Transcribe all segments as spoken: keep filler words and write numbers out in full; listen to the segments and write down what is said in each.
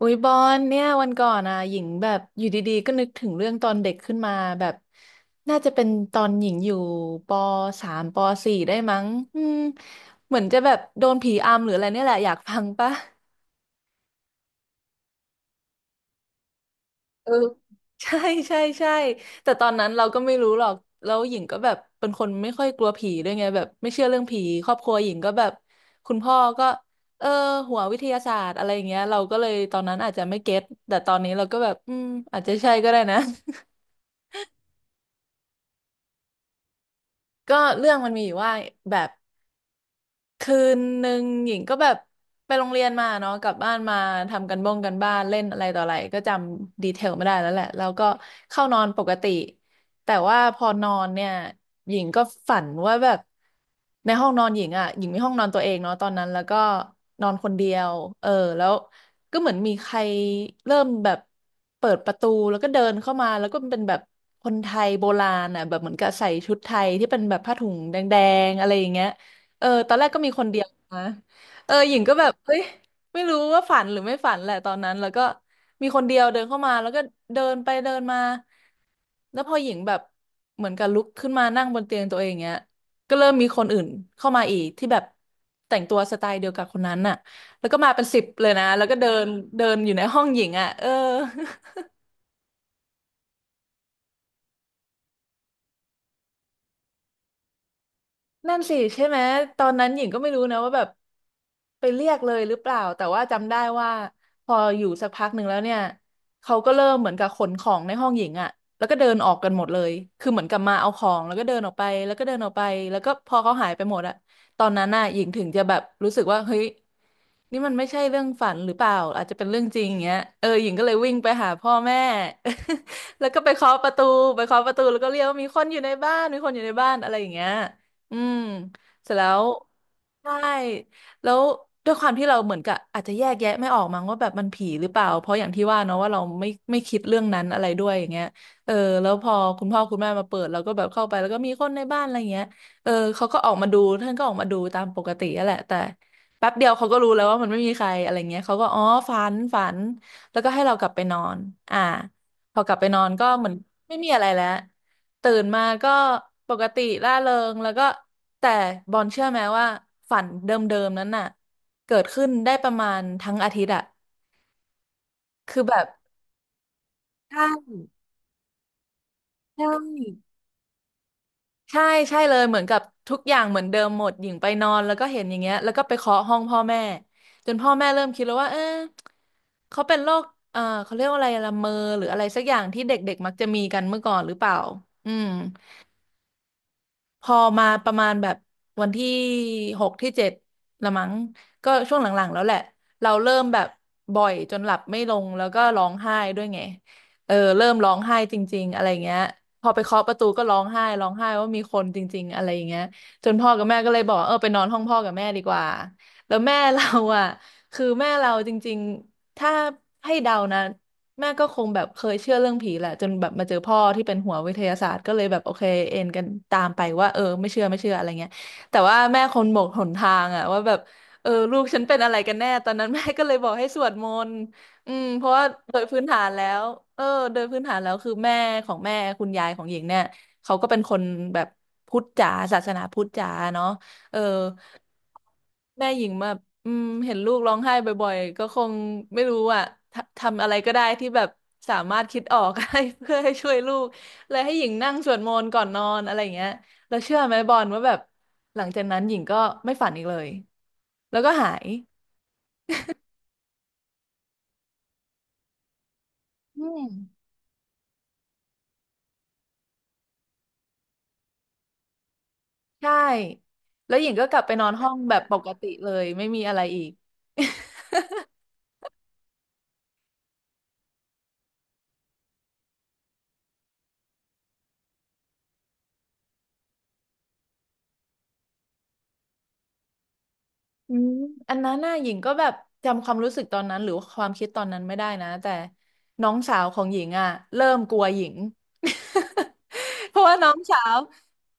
อุ๊ยบอลเนี่ยวันก่อนอ่ะหญิงแบบอยู่ดีๆก็นึกถึงเรื่องตอนเด็กขึ้นมาแบบน่าจะเป็นตอนหญิงอยู่ปสามปสี่ได้มั้งอืมเหมือนจะแบบโดนผีอำหรืออะไรเนี่ยแหละอยากฟังปะเออใช่ใช่ใช่แต่ตอนนั้นเราก็ไม่รู้หรอกแล้วหญิงก็แบบเป็นคนไม่ค่อยกลัวผีด้วยไงแบบไม่เชื่อเรื่องผีครอบครัวหญิงก็แบบคุณพ่อก็เออหัววิทยาศาสตร์อะไรอย่างเงี้ยเราก็เลยตอนนั้นอาจจะไม่เก็ตแต่ตอนนี้เราก็แบบอืมอาจจะใช่ก็ได้นะ ก็เรื่องมันมีอยู่ว่าแบบ คืนหนึ่งหญิงก็แบบไปโรงเรียนมาเนาะกลับบ้านมาทำกันบ้งกันบ้านเล่นอะไรต่ออะไรก็จำดีเทลไม่ได้แล้วแหละแล้วก็เข้านอนปกติแต่ว่าพอนอนเนี่ยหญิงก็ฝันว่าแบบในห้องนอนหญิงอ่ะหญิงมีห้องนอนตัวเองเนาะตอนนั้นแล้วก็นอนคนเดียวเออแล้วก็เหมือนมีใครเริ่มแบบเปิดประตูแล้วก็เดินเข้ามาแล้วก็เป็นแบบคนไทยโบราณอ่ะแบบเหมือนกับใส่ชุดไทยที่เป็นแบบผ้าถุงแดงๆอะไรอย่างเงี้ย เออ ตอนแรกก็มีคนเดียวนะเออหญิงก็แบบเฮ้ยไม่รู้ว่าฝันหรือไม่ฝันแหละตอนนั้นแล้วก็มีคนเดียวเดินเข้ามาแล้วก็เดินไปเดินมาแล้วพอหญิงแบบเหมือนกับลุกขึ้นมานั่งบนเตียงตัวเองเงี้ยก็เริ่มมีคนอื่นเข้ามาอีกที่แบบแต่งตัวสไตล์เดียวกับคนนั้นน่ะแล้วก็มาเป็นสิบเลยนะแล้วก็เดินเดินอยู่ในห้องหญิงอ่ะเออ นั่นสิใช่ไหมตอนนั้นหญิงก็ไม่รู้นะว่าแบบไปเรียกเลยหรือเปล่าแต่ว่าจำได้ว่าพออยู่สักพักหนึ่งแล้วเนี่ยเขาก็เริ่มเหมือนกับขนของในห้องหญิงอะแล้วก็เดินออกกันหมดเลยคือเหมือนกับมาเอาของแล้วก็เดินออกไปแล้วก็เดินออกไปแล้วก็พอเขาหายไปหมดอะตอนนั้นน่ะหญิงถึงจะแบบรู้สึกว่าเฮ้ยนี่มันไม่ใช่เรื่องฝันหรือเปล่าอาจจะเป็นเรื่องจริงอย่างเงี้ยเออหญิงก็เลยวิ่งไปหาพ่อแม่ แล้วก็ไปเคาะประตูไปเคาะประตูแล้วก็เรียกว่ามีคนอยู่ในบ้านมีคนอยู่ในบ้านอะไรอย่างเงี้ย อืมเสร็จแล้วใช่แล้วด้วยความที่เราเหมือนกับอาจจะแยกแยะไม่ออกมั้งว่าแบบมันผีหรือเปล่าเพราะอย่างที่ว่าเนาะว่าเราไม่ไม่คิดเรื่องนั้นอะไรด้วยอย่างเงี้ยเออแล้วพอคุณพ่อคุณแม่มาเปิดเราก็แบบเข้าไปแล้วก็มีคนในบ้านอะไรเงี้ยเออเขาก็ออกมาดูท่านก็ออกมาดูตามปกตินั่นแหละแต่แป๊บเดียวเขาก็รู้แล้วว่ามันไม่มีใครอะไรเงี้ยเขาก็อ๋อฝันฝันแล้วก็ให้เรากลับไปนอนอ่าพอกลับไปนอนก็เหมือนไม่มีอะไรแล้ว ตื่นมาก็ปกติร่าเริงแล้วก็แต่บอลเชื่อไหมว่าฝันเดิมๆนั้นน่ะเกิดขึ้นได้ประมาณทั้งอาทิตย์อะคือแบบใช่ใช่ใช่ใช่เลยเหมือนกับทุกอย่างเหมือนเดิมหมดหญิงไปนอนแล้วก็เห็นอย่างเงี้ยแล้วก็ไปเคาะห้องพ่อแม่จนพ่อแม่เริ่มคิดแล้วว่าเออเขาเป็นโรคเออเขาเรียกว่าอะไรละเมอหรืออะไรสักอย่างที่เด็กๆมักจะมีกันเมื่อก่อนหรือเปล่าอืม พอมาประมาณแบบวันที่หกที่เจ็ดละมั้งก็ช่วงหลังๆแล้วแหละเราเริ่มแบบบ่อยจนหลับไม่ลงแล้วก็ร้องไห้ด้วยไงเออเริ่มร้องไห้จริงๆอะไรเงี้ยพอไปเคาะประตูก็ร้องไห้ร้องไห้ว่ามีคนจริงๆอะไรอย่างเงี้ยจนพ่อกับแม่ก็เลยบอกเออไปนอนห้องพ่อกับแม่ดีกว่าแล้วแม่เราอ่ะคือแม่เราจริงๆถ้าให้เดานะ แม่ก็คงแบบเคยเชื่อเรื่องผีแหละจนแบบมาเจอพ่อที่เป็นหัววิทยาศาสตร์ก็เลยแบบโอเคเอ็นกันตามไปว่าเออไม่เชื่อไม่เชื่ออะไรเงี้ยแต่ว่าแม่คงหมกหนทางอะว่าแบบเออลูกฉันเป็นอะไรกันแน่ตอนนั้น แม่ก็เลยบอกให้สวดมนต์อืมเพราะว่าโดยพื้นฐานแล้วเออโดยพื้นฐานแล้วคือแม่ของแม่คุณยายของหญิงเนี่ยเขาก็เป็นคนแบบพุทธจ๋าศาสนาพุทธจ๋าเนาะเออ แม่หญิงแบบอืมเห็นลูกร้องไห้บ่อยๆก็คงไม่รู้อ่ะทำทำอะไรก็ได้ที่แบบสามารถคิดออก ให้ เพื่อให้ช่วยลูกเลยให้หญิงนั่งสวดมนต์ก่อนนอนอะไรอย่างเงี้ยแล้วเชื่อไหมบอลว่าแบบหลังจากนั้นหญิงก็ไม่ฝันอีกเลยแล้วก็หายอืมใช่แล้วหญิงก็กลับไปนอนห้องแบบปกติเลยไม่มีอะไรอีก อืมอันนั้นน่ะหญิงก็แบบจำความรู้สึกตอนนั้นหรือว่าความคิดตอนนั้นไม่ได้นะแต่น้องสาวของหญิงอ่ะเริ่มกลัวหญิง เพราะว่าน้องสาว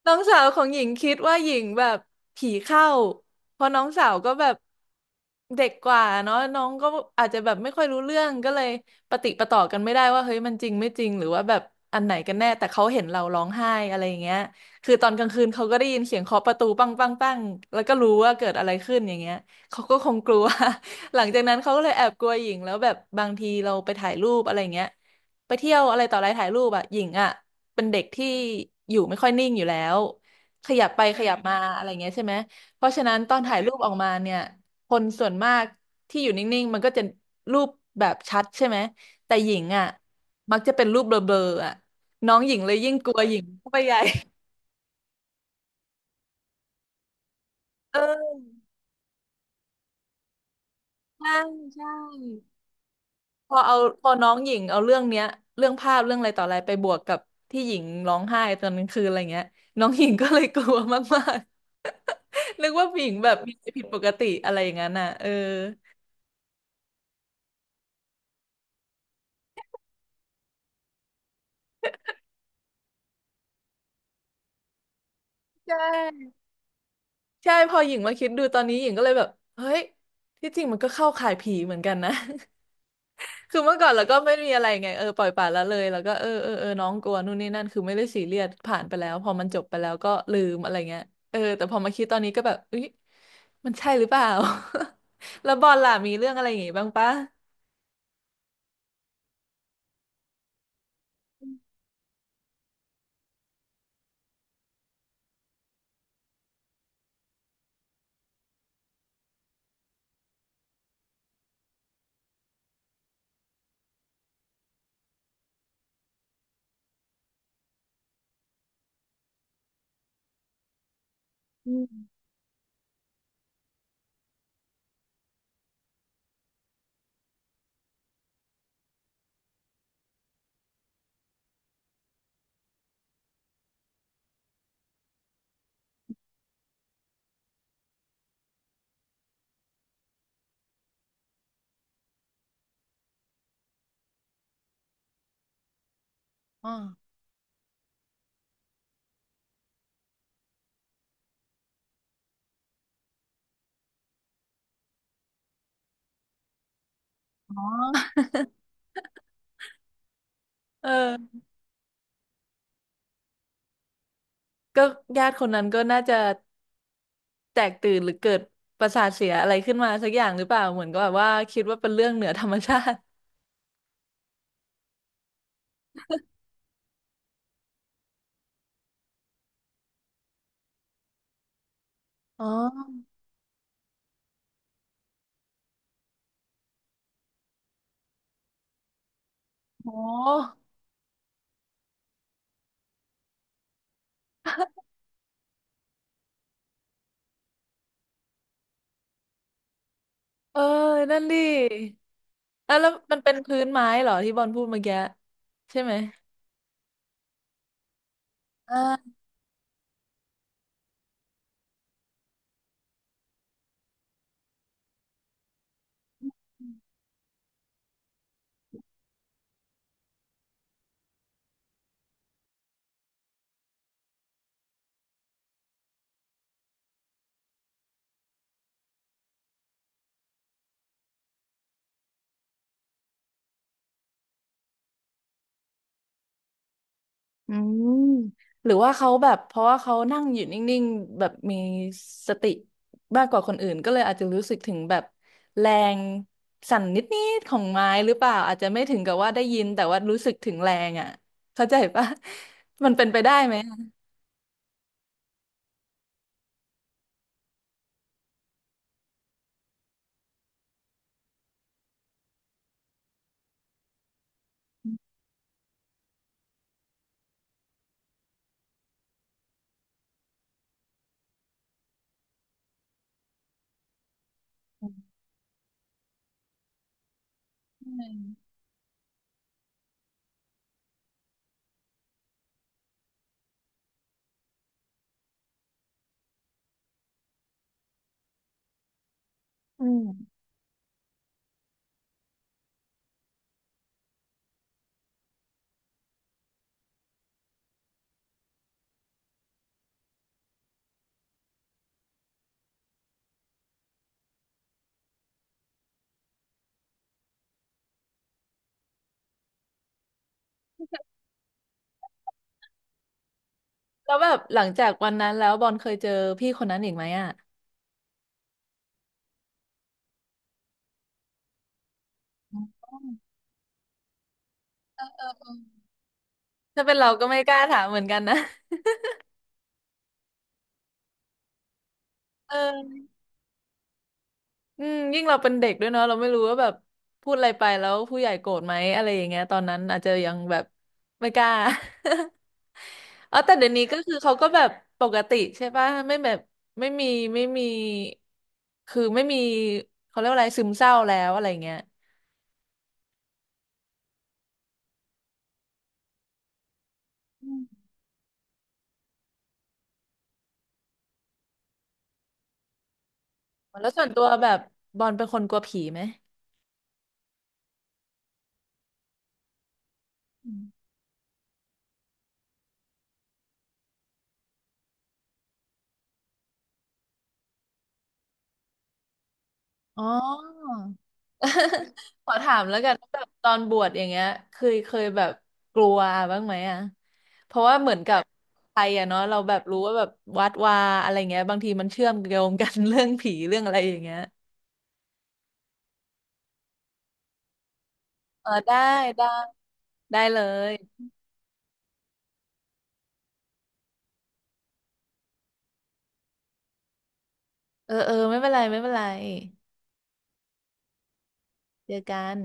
น้องสาวของหญิงคิดว่าหญิงแบบผีเข้าเพราะน้องสาวก็แบบเด็กกว่าเนาะน้องก็อาจจะแบบไม่ค่อยรู้เรื่องก็เลยปะติดปะต่อกันไม่ได้ว่าเฮ้ยมันจริงไม่จริงหรือว่าแบบอันไหนกันแน่แต่เขาเห็นเราร้องไห้อะไรอย่างเงี้ย คือตอนกลางคืนเขาก็ได้ยินเสียงเคาะประตูปังปังปังแล้วก็รู้ว่าเกิดอะไรขึ้นอย่างเงี้ยเขาก็คงกลัว หลังจากนั้นเขาก็เลยแอบกลัวหญิงแล้วแบบบางทีเราไปถ่ายรูปอะไรเงี้ย ไปเที่ยวอะไรต่ออะไรถ่ายรูปอะหญิงอะเป็นเด็กที่อยู่ไม่ค่อยนิ่งอยู่แล้วขยับไปขยับมาอะไรเงี้ยใช่ไหมเพราะฉะนั้นตอนถ่ายรูปออกมาเนี่ยคนส่วนมากที่อยู่นิ่งๆมันก็จะรูปแบบชัดใช่ไหมแต่หญิงอะมักจะเป็นรูปเบลอๆอะน้องหญิงเลยยิ่งกลัวหญิงเข้าไปใหญ่ เออใช่ใช่พอเอาพอน้องหญิงเอาเรื่องเนี้ยเรื่องภาพเรื่องอะไรต่ออะไรไปบวกกับที่หญิงร้องไห้ตอนกลางคืนอะไรเงี้ยน้องหญิงก็เลยกลัวมากๆ นึกว่าหญิงแบบมีอะไรผิดปกติอะไรอย่างนั้นน่ะเออใช่ใช่พอหญิงมาคิดดูตอนนี้หญิงก็เลยแบบเฮ้ยที่จริงมันก็เข้าข่ายผีเหมือนกันนะ คือเมื่อก่อนเราก็ไม่มีอะไรไงเออปล่อยปละละเลยแล้วก็เออเออเออน้องกลัวนู่นนี่นั่นคือไม่ได้ซีเรียสผ่านไปแล้วพอมันจบไปแล้วก็ลืมอะไรเงี้ยเออแต่พอมาคิดตอนนี้ก็แบบอุ๊ยมันใช่หรือเปล่า แล้วบอลล่ะมีเรื่องอะไรอย่างงี้บ้างปะอืมอ๋อเออก็ญาติคนนั้นก็น่าจะแตกตื่นหรือเกิดประสาทเสียอะไรขึ้นมาสักอย่างหรือเปล่าเหมือนก็แบบว่าคิดว่าเป็นเรื่องเหนือธรรมชาติอ๋อโห เออนั่นดิอ่ะแล้วมันเป็นพื้นไม้เหรอที่บอลพูดเมื่อกี้ใช่ไหมอ่าอืมหรือว่าเขาแบบเพราะว่าเขานั่งอยู่นิ่งๆแบบมีสติมากกว่าคนอื่นก็เลยอาจจะรู้สึกถึงแบบแรงสั่นนิดๆของไม้หรือเปล่าอาจจะไม่ถึงกับว่าได้ยินแต่ว่ารู้สึกถึงแรงอ่ะเข้าใจปะ มันเป็นไปได้ไหมอะอืมอืมแล้วแบบหลังจากวันนั้นแล้วบอลเคยเจอพี่คนนั้นอีกไหมอ่ะ ถ้าเป็นเราก็ไม่กล้าถามเหมือนกันนะเอออืมยิ่งเราเป็นเด็กด้วยเนาะเราไม่รู้ว่าแบบพูดอะไรไปแล้วผู้ใหญ่โกรธไหมอะไรอย่างเงี้ยตอนนั้นอาจจะยังแบบไม่กล้า อ๋อแต่เดี๋ยวนี้ก็คือเขาก็แบบปกติใช่ป่ะไม่แบบไม่มีไม่มีคือไม่มีเขาเรียกว่าอะไรซึมเศร้าแล้วอะไรเงี้ยอืมแล้วส่วนตัวแบบบอลเป็นคนกลัวผีไหมอืมอ๋อ ขอถามแล้วกันว่าแบบตอนบวชอย่างเงี้ยเคยเคยแบบกลัวบ้างไหมอ่ะเพราะว่าเหมือนกับไทยอ่ะเนาะเราแบบรู้ว่าแบบวัดวาอะไรเงี้ยบางทีมันเชื่อมโยงกัน เรื่องผีเรื่องอะไรอย่างเงี้ย เออได้ได้ได้เลยเออเออไม่เป็นไรไม่เป็นไรเจอกัน